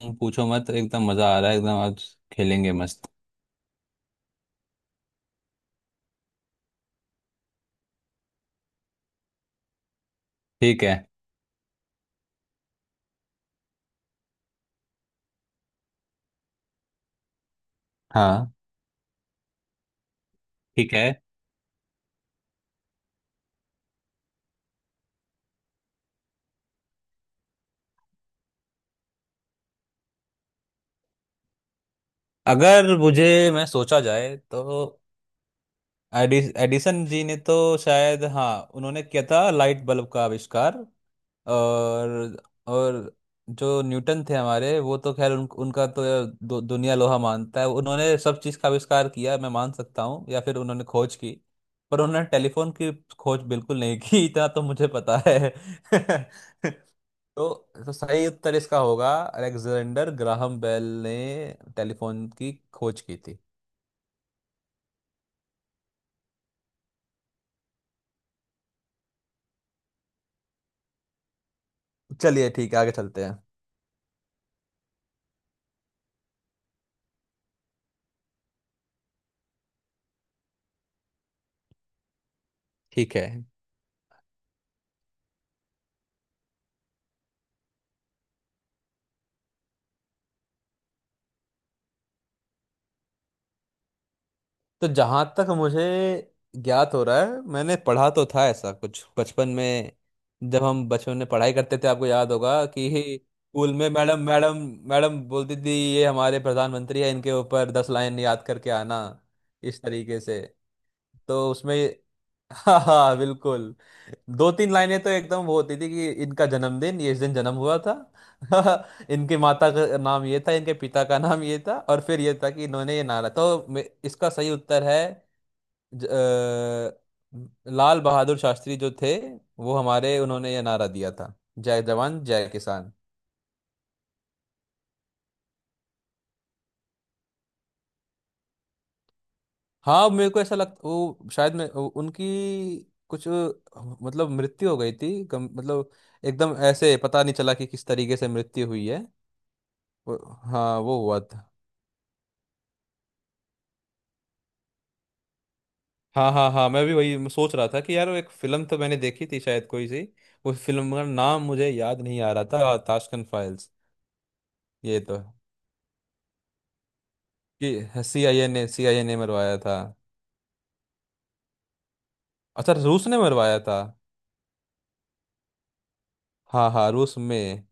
तुम पूछो मत, एकदम मजा आ रहा है, एकदम आज खेलेंगे मस्त। ठीक है। हाँ। ठीक है। अगर मुझे मैं सोचा जाए तो एडिसन जी ने तो शायद, हाँ, उन्होंने किया था लाइट बल्ब का आविष्कार। और और जो न्यूटन थे हमारे, वो तो खैर उनका तो दुनिया लोहा मानता है। उन्होंने सब चीज़ का आविष्कार किया, मैं मान सकता हूँ, या फिर उन्होंने खोज की। पर उन्होंने टेलीफोन की खोज बिल्कुल नहीं की, इतना तो मुझे पता है। तो तो सही उत्तर इसका होगा, अलेक्जेंडर ग्राहम बेल ने टेलीफोन की खोज की थी। चलिए, ठीक है, आगे चलते हैं। ठीक है। तो जहां तक मुझे ज्ञात हो रहा है, मैंने पढ़ा तो था ऐसा कुछ बचपन में। जब हम बचपन में पढ़ाई करते थे, आपको याद होगा कि स्कूल में मैडम मैडम मैडम बोलती थी, ये हमारे प्रधानमंत्री है, इनके ऊपर 10 लाइन याद करके आना, इस तरीके से। तो उसमें हाँ, हाँ, बिल्कुल, दो तीन लाइनें तो एकदम वो होती थी कि इनका जन्मदिन, ये इस दिन जन्म हुआ था। इनकी माता का नाम ये था, इनके पिता का नाम ये था, और फिर ये था कि इन्होंने ये नारा तो इसका सही उत्तर है, लाल बहादुर शास्त्री जो थे, वो हमारे, उन्होंने ये नारा दिया था, जय जवान जय किसान। हाँ मेरे को ऐसा लगता, वो शायद मैं उनकी कुछ मतलब मृत्यु हो गई थी, मतलब एकदम ऐसे पता नहीं चला कि किस तरीके से मृत्यु हुई है। वो, हाँ वो हुआ था। हाँ, हाँ, हाँ, मैं भी वही सोच रहा था कि यार वो एक फिल्म तो मैंने देखी थी शायद, कोई सी उस फिल्म का नाम मुझे याद नहीं आ रहा था, ताशकंद फाइल्स। ये तो, कि सी आई ए ने मरवाया था। अच्छा, रूस ने मरवाया था। हाँ, हाँ, रूस में,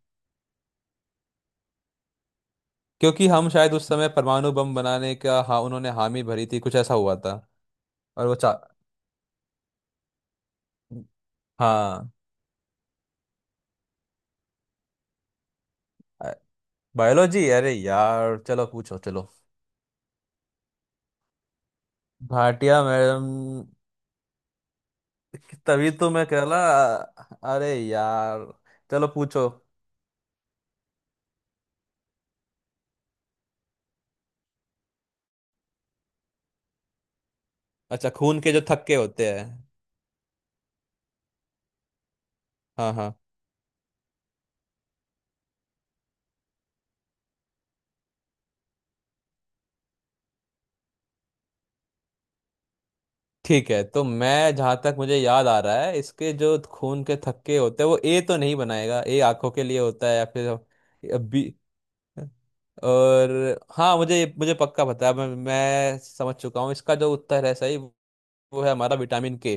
क्योंकि हम शायद उस समय परमाणु बम बनाने का, हाँ, उन्होंने हामी भरी थी, कुछ ऐसा हुआ था। और वो चा हाँ। बायोलॉजी, अरे यार चलो पूछो चलो। भाटिया मैडम, कि तभी तो मैं कह रहा, अरे यार, चलो पूछो। अच्छा, खून के जो थक्के होते हैं। हाँ, हाँ। ठीक है, तो मैं जहाँ तक मुझे याद आ रहा है, इसके जो खून के थक्के होते हैं, वो ए तो नहीं बनाएगा, ए आंखों के लिए होता है, या फिर बी, और हाँ, मुझे मुझे पक्का पता है, मैं समझ चुका हूँ इसका जो उत्तर है सही, वो है हमारा विटामिन के।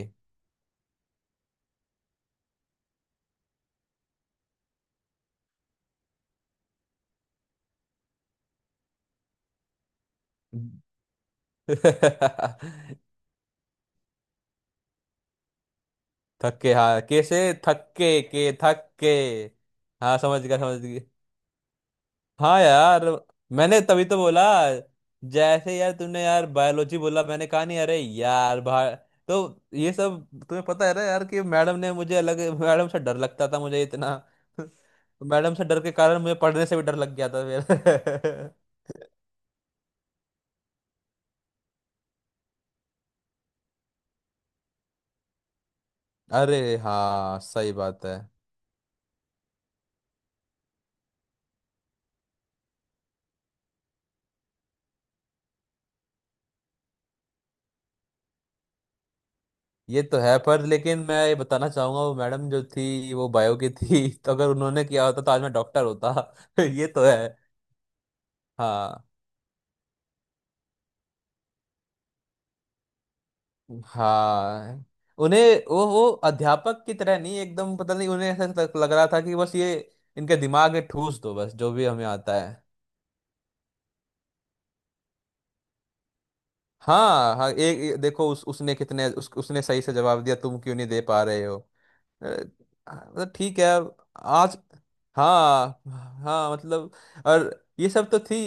थक्के, हाँ, कैसे थक्के, के थक्के। हाँ, समझ गया, समझ गया। हाँ यार, मैंने तभी तो बोला, जैसे यार तुमने यार बायोलॉजी बोला, मैंने कहा नहीं अरे यार भाई। तो ये सब तुम्हें पता है ना यार, कि मैडम ने मुझे अलग, मैडम से डर लगता था मुझे इतना। मैडम से डर के कारण मुझे पढ़ने से भी डर लग गया था फिर। अरे हाँ, सही बात है। ये तो है, पर लेकिन मैं ये बताना चाहूंगा, वो मैडम जो थी वो बायो की थी। तो अगर उन्होंने किया होता, तो आज मैं डॉक्टर होता। ये तो है। हाँ। हाँ उन्हें, वो अध्यापक की तरह नहीं, एकदम पता नहीं, उन्हें ऐसा लग लग रहा था कि बस ये, इनके दिमाग में ठूस दो, बस जो भी हमें आता है। हाँ, हाँ, एक एक- देखो उस उसने कितने, उसने सही से जवाब दिया, तुम क्यों नहीं दे पा रहे हो। अरे, मतलब ठीक है अब आज, हाँ, हाँ मतलब, और ये सब तो थी।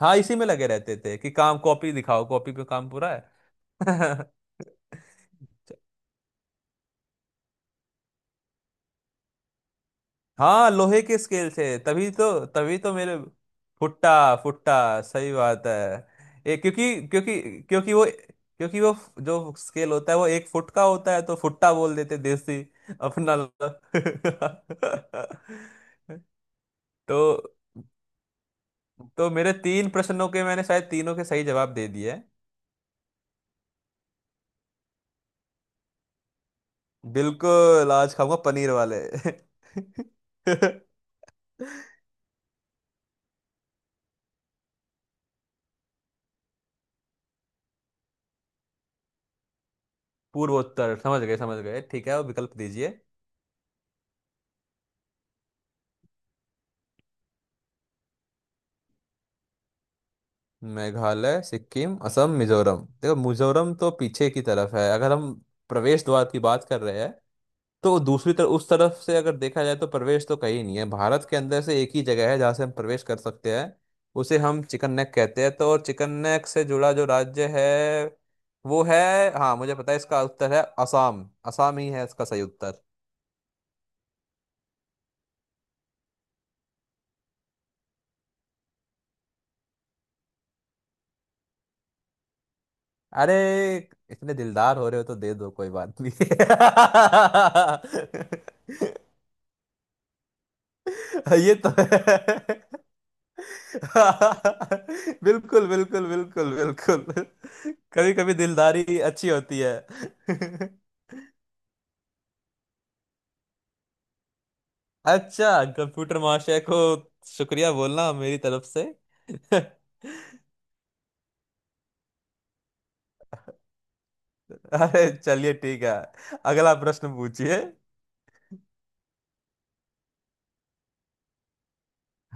हाँ, इसी में लगे रहते थे कि काम, कॉपी दिखाओ, कॉपी पे काम पूरा है। हाँ लोहे के स्केल से, तभी तो मेरे, फुट्टा, फुट्टा, सही बात है। ये क्योंकि क्योंकि क्योंकि वो क्योंकि वो जो स्केल होता है वो 1 फुट का होता है, तो फुट्टा बोल देते देसी अपना। तो तो मेरे तीन प्रश्नों के मैंने शायद तीनों के सही जवाब दे दिए हैं। बिल्कुल, आज खाऊंगा पनीर वाले। पूर्वोत्तर, समझ गए, समझ गए, ठीक है, और विकल्प दीजिए। मेघालय, सिक्किम, असम, मिजोरम। देखो, मिजोरम तो पीछे की तरफ है। अगर हम प्रवेश द्वार की बात कर रहे हैं, तो दूसरी तरफ, उस तरफ से अगर देखा जाए तो प्रवेश तो कहीं नहीं है। भारत के अंदर से एक ही जगह है जहाँ से हम प्रवेश कर सकते हैं, उसे हम चिकन नेक कहते हैं। तो और चिकन नेक से जुड़ा जो राज्य है, वो है, हाँ मुझे पता है, इसका उत्तर है असम। असम ही है इसका सही उत्तर। अरे, इतने दिलदार हो रहे हो तो दे दो, कोई बात नहीं। ये तो है। बिल्कुल, बिल्कुल, बिल्कुल, बिल्कुल। कभी कभी दिलदारी अच्छी होती है। अच्छा, कंप्यूटर महाशय को शुक्रिया बोलना मेरी तरफ से। अरे चलिए, ठीक है, अगला प्रश्न पूछिए।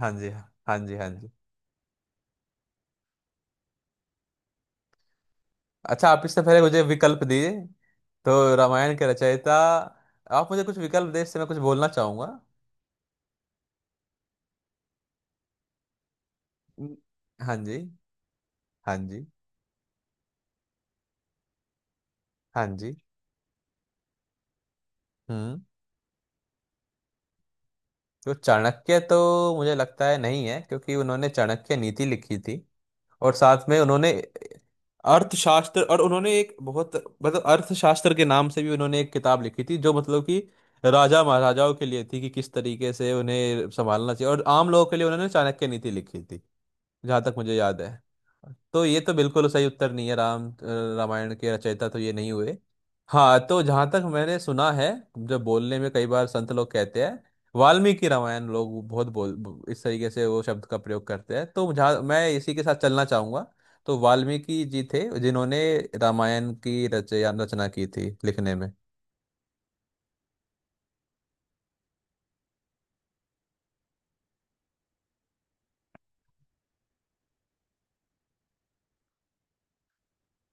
हाँ जी, हाँ। हाँ जी, हाँ जी। अच्छा, आप इससे पहले मुझे विकल्प दिए, तो रामायण के रचयिता, आप मुझे कुछ विकल्प दे, इससे मैं कुछ बोलना चाहूंगा। न- हाँ जी, हाँ जी, हाँ जी। हम्म। तो चाणक्य तो मुझे लगता है नहीं है, क्योंकि उन्होंने चाणक्य नीति लिखी थी, और साथ में उन्होंने अर्थशास्त्र, और उन्होंने एक बहुत, मतलब अर्थशास्त्र के नाम से भी उन्होंने एक किताब लिखी थी, जो मतलब कि राजा महाराजाओं के लिए थी कि किस तरीके से उन्हें संभालना चाहिए, और आम लोगों के लिए उन्होंने चाणक्य नीति लिखी थी, जहाँ तक मुझे याद है। तो ये तो बिल्कुल सही उत्तर नहीं है, रामायण के रचयिता तो ये नहीं हुए। हाँ, तो जहाँ तक मैंने सुना है, जो बोलने में कई बार संत लोग कहते हैं वाल्मीकि रामायण, लोग बहुत बोल इस तरीके से वो शब्द का प्रयोग करते हैं, तो जहाँ मैं इसी के साथ चलना चाहूंगा। तो वाल्मीकि जी थे जिन्होंने रामायण की रचया रचना की थी, लिखने में।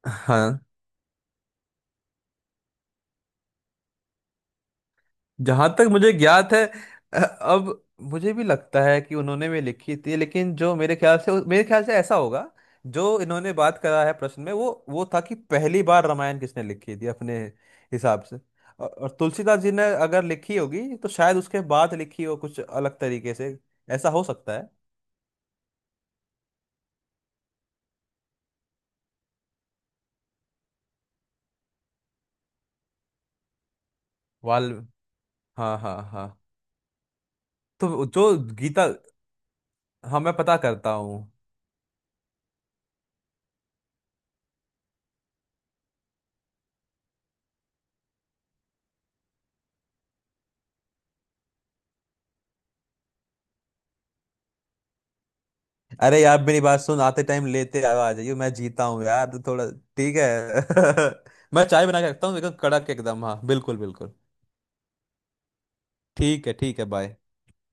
हाँ, जहां तक मुझे ज्ञात है, अब मुझे भी लगता है कि उन्होंने भी लिखी थी, लेकिन जो मेरे ख्याल से ऐसा होगा, जो इन्होंने बात करा है प्रश्न में, वो था कि पहली बार रामायण किसने लिखी थी अपने हिसाब से। और तुलसीदास जी ने अगर लिखी होगी तो शायद उसके बाद लिखी हो, कुछ अलग तरीके से, ऐसा हो सकता है। वाल हाँ, हाँ, हाँ। तो जो गीता, हाँ मैं पता करता हूँ। अरे यार मेरी बात सुन, आते टाइम लेते आओ, आ जाइयो, मैं जीता हूँ यार तो थोड़ा। ठीक है। मैं चाय बना के रखता हूँ एकदम कड़क, एकदम, हाँ बिल्कुल, बिल्कुल। ठीक है, ठीक है, बाय।